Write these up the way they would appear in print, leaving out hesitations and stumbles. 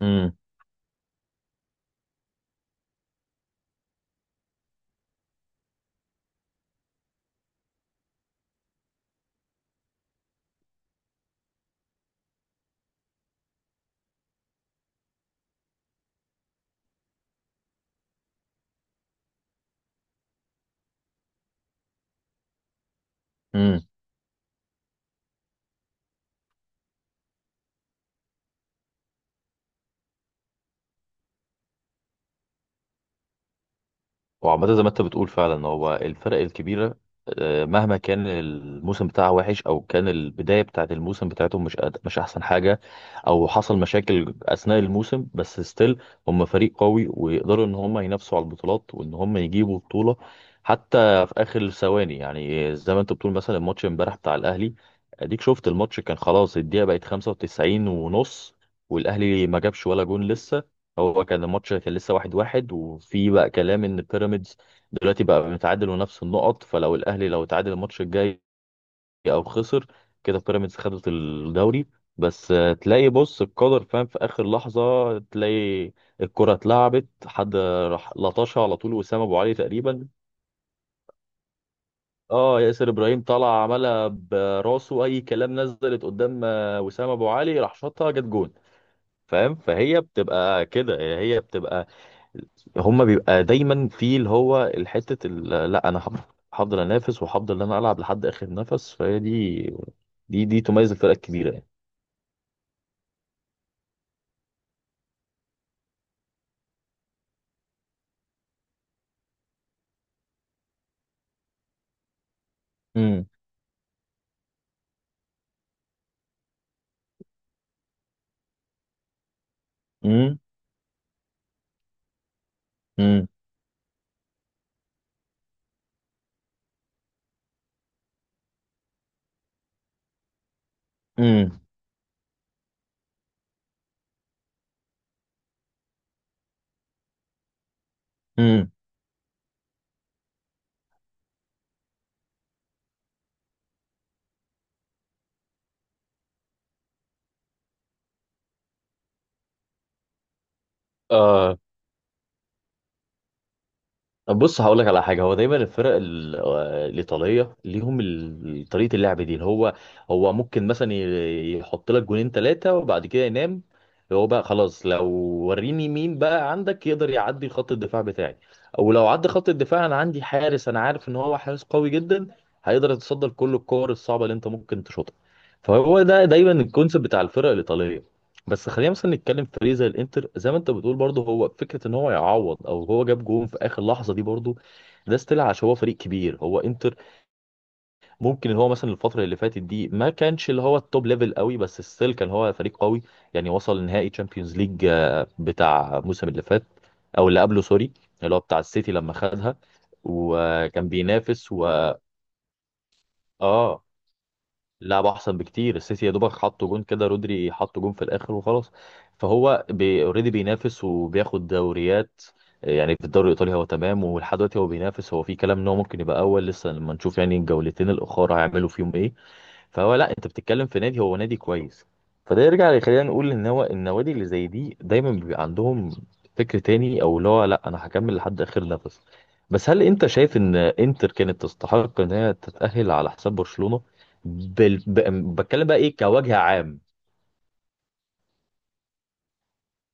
امم امم وعامة زي ما انت بتقول فعلا، هو الفرق الكبيرة مهما كان الموسم بتاعها وحش او كان البداية بتاعت الموسم بتاعتهم مش احسن حاجة، او حصل مشاكل اثناء الموسم. بس ستيل هم فريق قوي ويقدروا ان هم ينافسوا على البطولات وان هم يجيبوا بطولة حتى في اخر الثواني. يعني زي ما انت بتقول، مثلا الماتش امبارح بتاع الاهلي، اديك شفت الماتش، كان خلاص الدقيقة بقت 95 ونص، والاهلي ما جابش ولا جون لسه. هو كان الماتش كان لسه واحد واحد، وفي بقى كلام ان بيراميدز دلوقتي بقى متعادل ونفس النقط، فلو الاهلي لو اتعادل الماتش الجاي او خسر، كده بيراميدز خدت الدوري. بس تلاقي، بص القدر فاهم في اخر لحظة، تلاقي الكرة اتلعبت، حد راح لطشها على طول، وسام ابو علي تقريبا. اه، ياسر ابراهيم طلع عملها براسه اي كلام، نزلت قدام وسام ابو علي راح شاطها، جت جون. فاهم؟ فهي بتبقى كده، هي بتبقى، هما بيبقى دايما في اللي هو الحتة لا انا هفضل انافس وهفضل ان انا العب لحد اخر نفس. فهي دي تميز الفرق الكبيرة يعني. امم. امم. امم. امم. طب بص، هقول لك على حاجه. هو دايما الفرق الايطاليه ليهم طريقه اللعب دي، اللي هو ممكن مثلا يحط لك جونين ثلاثه وبعد كده ينام. هو بقى خلاص، لو وريني مين بقى عندك يقدر يعدي خط الدفاع بتاعي، او لو عدى خط الدفاع، انا عندي حارس، انا عارف ان هو حارس قوي جدا، هيقدر يتصدى لكل الكور الصعبه اللي انت ممكن تشوطها. فهو ده دايما الكونسيبت بتاع الفرق الايطاليه. بس خلينا مثلا نتكلم في فريق زي الانتر. زي ما انت بتقول برضه، هو فكره ان هو يعوض او هو جاب جون في اخر لحظه دي، برضه ده استيل عشان هو فريق كبير، هو انتر. ممكن ان هو مثلا الفتره اللي فاتت دي ما كانش اللي هو التوب ليفل قوي، بس ستيل كان هو فريق قوي. يعني وصل نهائي تشامبيونز ليج بتاع الموسم اللي فات، او اللي قبله سوري، اللي هو بتاع السيتي لما خدها. وكان بينافس و... اه، لعب احسن بكتير السيتي، يا دوبك حط جون كده، رودري حط جون في الاخر وخلاص. فهو بي اوريدي بينافس وبياخد دوريات. يعني في الدوري الايطالي هو تمام، ولحد دلوقتي هو بينافس، هو في كلام ان هو ممكن يبقى اول، لسه لما نشوف يعني الجولتين الاخر هيعملوا فيهم ايه. فهو لا، انت بتتكلم في نادي هو نادي كويس. فده يرجع يخلينا نقول ان هو النوادي اللي زي دي دايما بيبقى عندهم فكر تاني، او اللي هو لا انا هكمل لحد اخر نفس. بس هل انت شايف ان انتر كانت تستحق ان هي تتأهل على حساب برشلونة؟ بال... ب... بتكلم بقى ايه كوجه عام.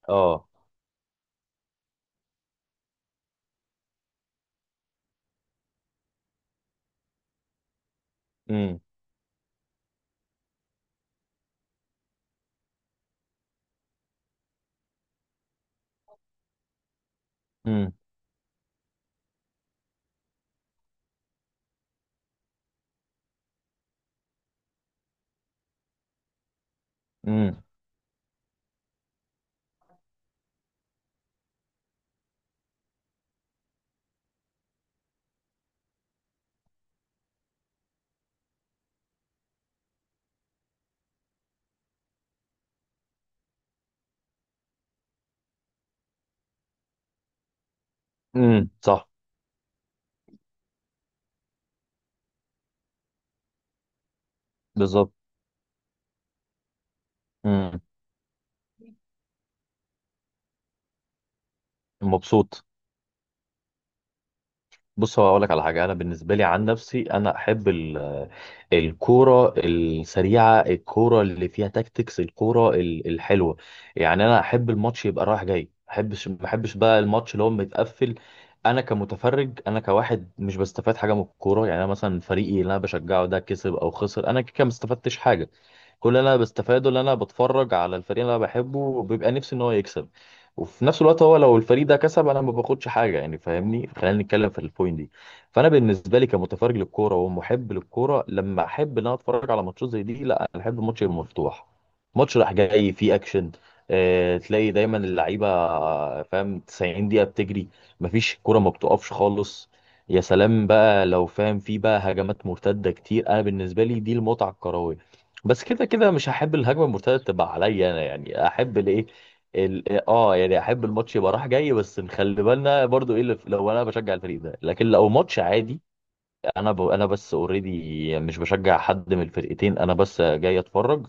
اه. امم. امم. امم. امم. صح. بالظبط. امم. مبسوط. بص هو اقول لك على حاجه. انا بالنسبه لي، عن نفسي، انا احب الكوره السريعه، الكوره اللي فيها تاكتكس، الكوره الحلوه. يعني انا احب الماتش يبقى رايح جاي. ما احبش بقى الماتش اللي هو متقفل. انا كمتفرج، انا كواحد مش بستفاد حاجه من الكوره. يعني انا مثلا فريقي اللي انا بشجعه ده كسب او خسر، انا كده ما استفدتش حاجه. كل اللي انا بستفاده اللي انا بتفرج على الفريق اللي انا بحبه وبيبقى نفسي ان هو يكسب. وفي نفس الوقت، هو لو الفريق ده كسب، انا ما باخدش حاجه يعني، فاهمني؟ خلينا نتكلم في البوينت دي. فانا بالنسبه لي كمتفرج للكوره ومحب للكوره، لما احب ان انا اتفرج على ماتشات زي دي، لا انا احب الماتش المفتوح، ماتش راح جاي فيه اكشن. تلاقي دايما اللعيبه فاهم، 90 دقيقه بتجري، مفيش الكوره ما بتقفش خالص. يا سلام بقى لو فاهم فيه بقى هجمات مرتده كتير، انا بالنسبه لي دي المتعه الكرويه. بس كده كده مش هحب الهجمه المرتده تبقى عليا انا، يعني احب الايه يعني احب الماتش يبقى رايح جاي. بس نخلي بالنا برضو ايه اللي لو انا بشجع الفريق ده لكن لو ماتش عادي، انا بس اوريدي مش بشجع حد من الفرقتين، انا بس جاي اتفرج.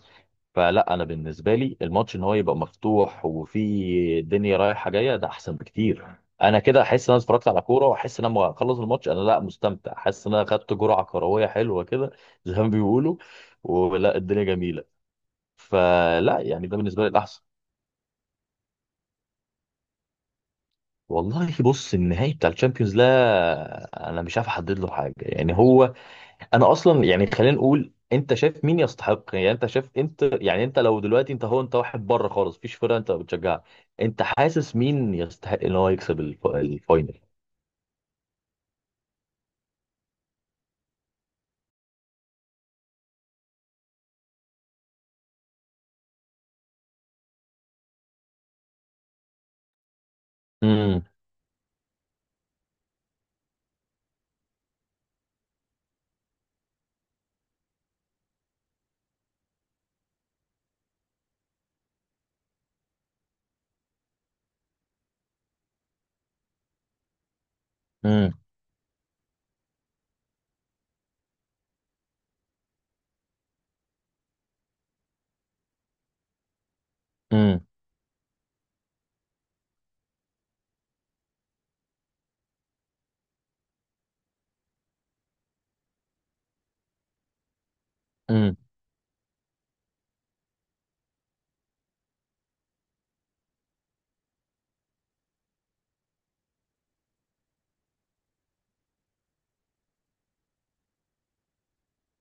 فلا، انا بالنسبه لي الماتش ان هو يبقى مفتوح وفي دنيا رايحه جايه، ده احسن بكتير. انا كده احس ان انا اتفرجت على كوره، واحس ان انا لما اخلص الماتش، انا لا مستمتع، حاسس ان انا خدت جرعه كرويه حلوه كده زي ما بيقولوا، ولا الدنيا جميله. فلا يعني ده بالنسبه لي الاحسن. والله بص، النهائي بتاع الشامبيونز، لا انا مش عارف احدد له حاجه يعني. هو انا اصلا يعني خلينا نقول، انت شايف مين يستحق؟ يعني انت شايف، انت يعني انت لو دلوقتي انت هو، انت واحد بره خالص، مفيش فرقه انت بتشجعها، انت حاسس مين يستحق ان هو يكسب الفاينل؟ امم. امم. امم. امم.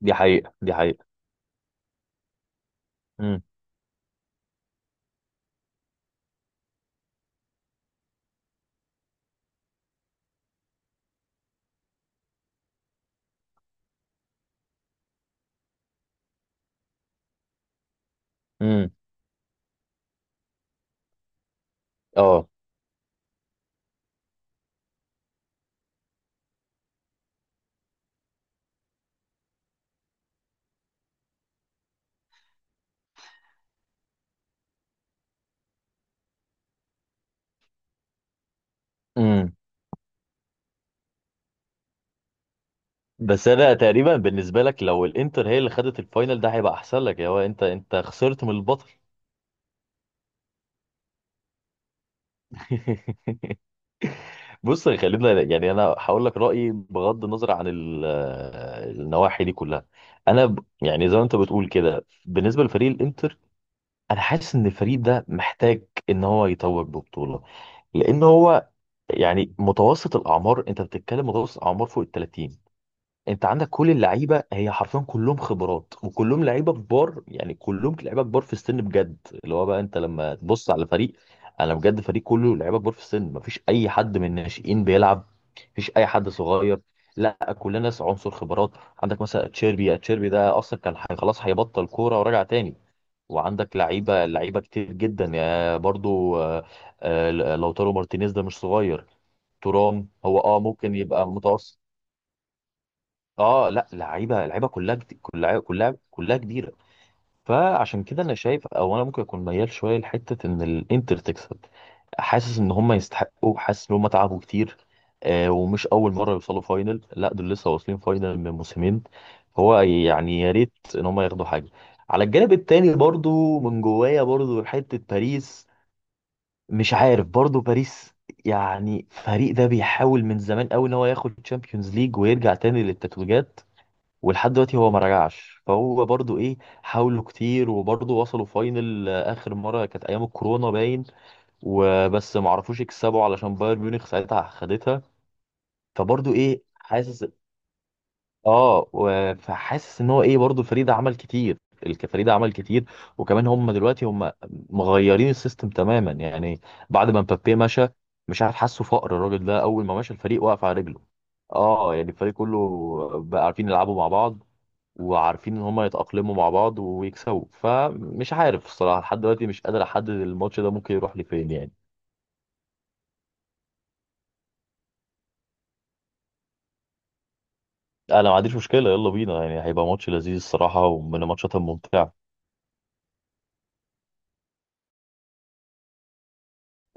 دي حقيقه، دي حقيقه. امم. امم. اه. امم. بس انا تقريبا، بالنسبه لك لو الانتر هي اللي خدت الفاينل ده هيبقى احسن لك، يا هو انت خسرت من البطل. بص، خلينا يعني انا هقول لك رايي بغض النظر عن النواحي دي كلها. يعني زي ما انت بتقول كده بالنسبه لفريق الانتر، انا حاسس ان الفريق ده محتاج ان هو يتوج ببطوله، لان هو يعني متوسط الاعمار، انت بتتكلم متوسط الاعمار فوق ال 30. انت عندك كل اللعيبه، هي حرفيا كلهم خبرات وكلهم لعيبه كبار يعني، كلهم لعيبه كبار في السن بجد. اللي هو بقى انت لما تبص على فريق، انا بجد فريق كله لعيبه كبار في السن، مفيش اي حد من الناشئين بيلعب، مفيش اي حد صغير. لا كلنا ناس عنصر خبرات. عندك مثلا تشيربي ده اصلا كان خلاص هيبطل كوره ورجع تاني. وعندك لعيبه كتير جدا، يا برضو لوتارو مارتينيز ده مش صغير. تورام هو ممكن يبقى متوسط. اه، لا، لعيبه كلها جد- كلها كلها كلها كبيره. فعشان كده انا شايف، او انا ممكن اكون ميال شويه لحته ان الانتر تكسب. حاسس ان هم يستحقوا، حاسس ان هم تعبوا كتير. ومش اول مره يوصلوا فاينل، لا دول لسه واصلين فاينل من موسمين. هو يعني يا ريت ان هم ياخدوا حاجه. على الجانب التاني برضو، من جوايا برضو حته باريس، مش عارف برضو باريس. يعني فريق ده بيحاول من زمان قوي ان هو ياخد تشامبيونز ليج ويرجع تاني للتتويجات، ولحد دلوقتي هو ما رجعش، فهو برضو ايه. حاولوا كتير وبرضو وصلوا فاينل. اخر مره كانت ايام الكورونا باين، وبس ما عرفوش يكسبوا علشان بايرن ميونخ ساعتها خدتها. فبرضو ايه حاسس، فحاسس ان هو ايه برضو الفريق ده عمل كتير، الفريق ده عمل كتير، وكمان هم دلوقتي هم مغيرين السيستم تماما يعني، بعد ما مبابي مشى. مش عارف، حاسه فقر الراجل ده اول ما مشى الفريق وقف على رجله. اه، يعني الفريق كله بقى عارفين يلعبوا مع بعض، وعارفين ان هما يتأقلموا مع بعض ويكسبوا. فمش عارف الصراحة، لحد دلوقتي مش قادر احدد الماتش ده ممكن يروح لفين يعني. انا ما عنديش مشكلة، يلا بينا، يعني هيبقى ماتش لذيذ الصراحة ومن الماتشات الممتعة.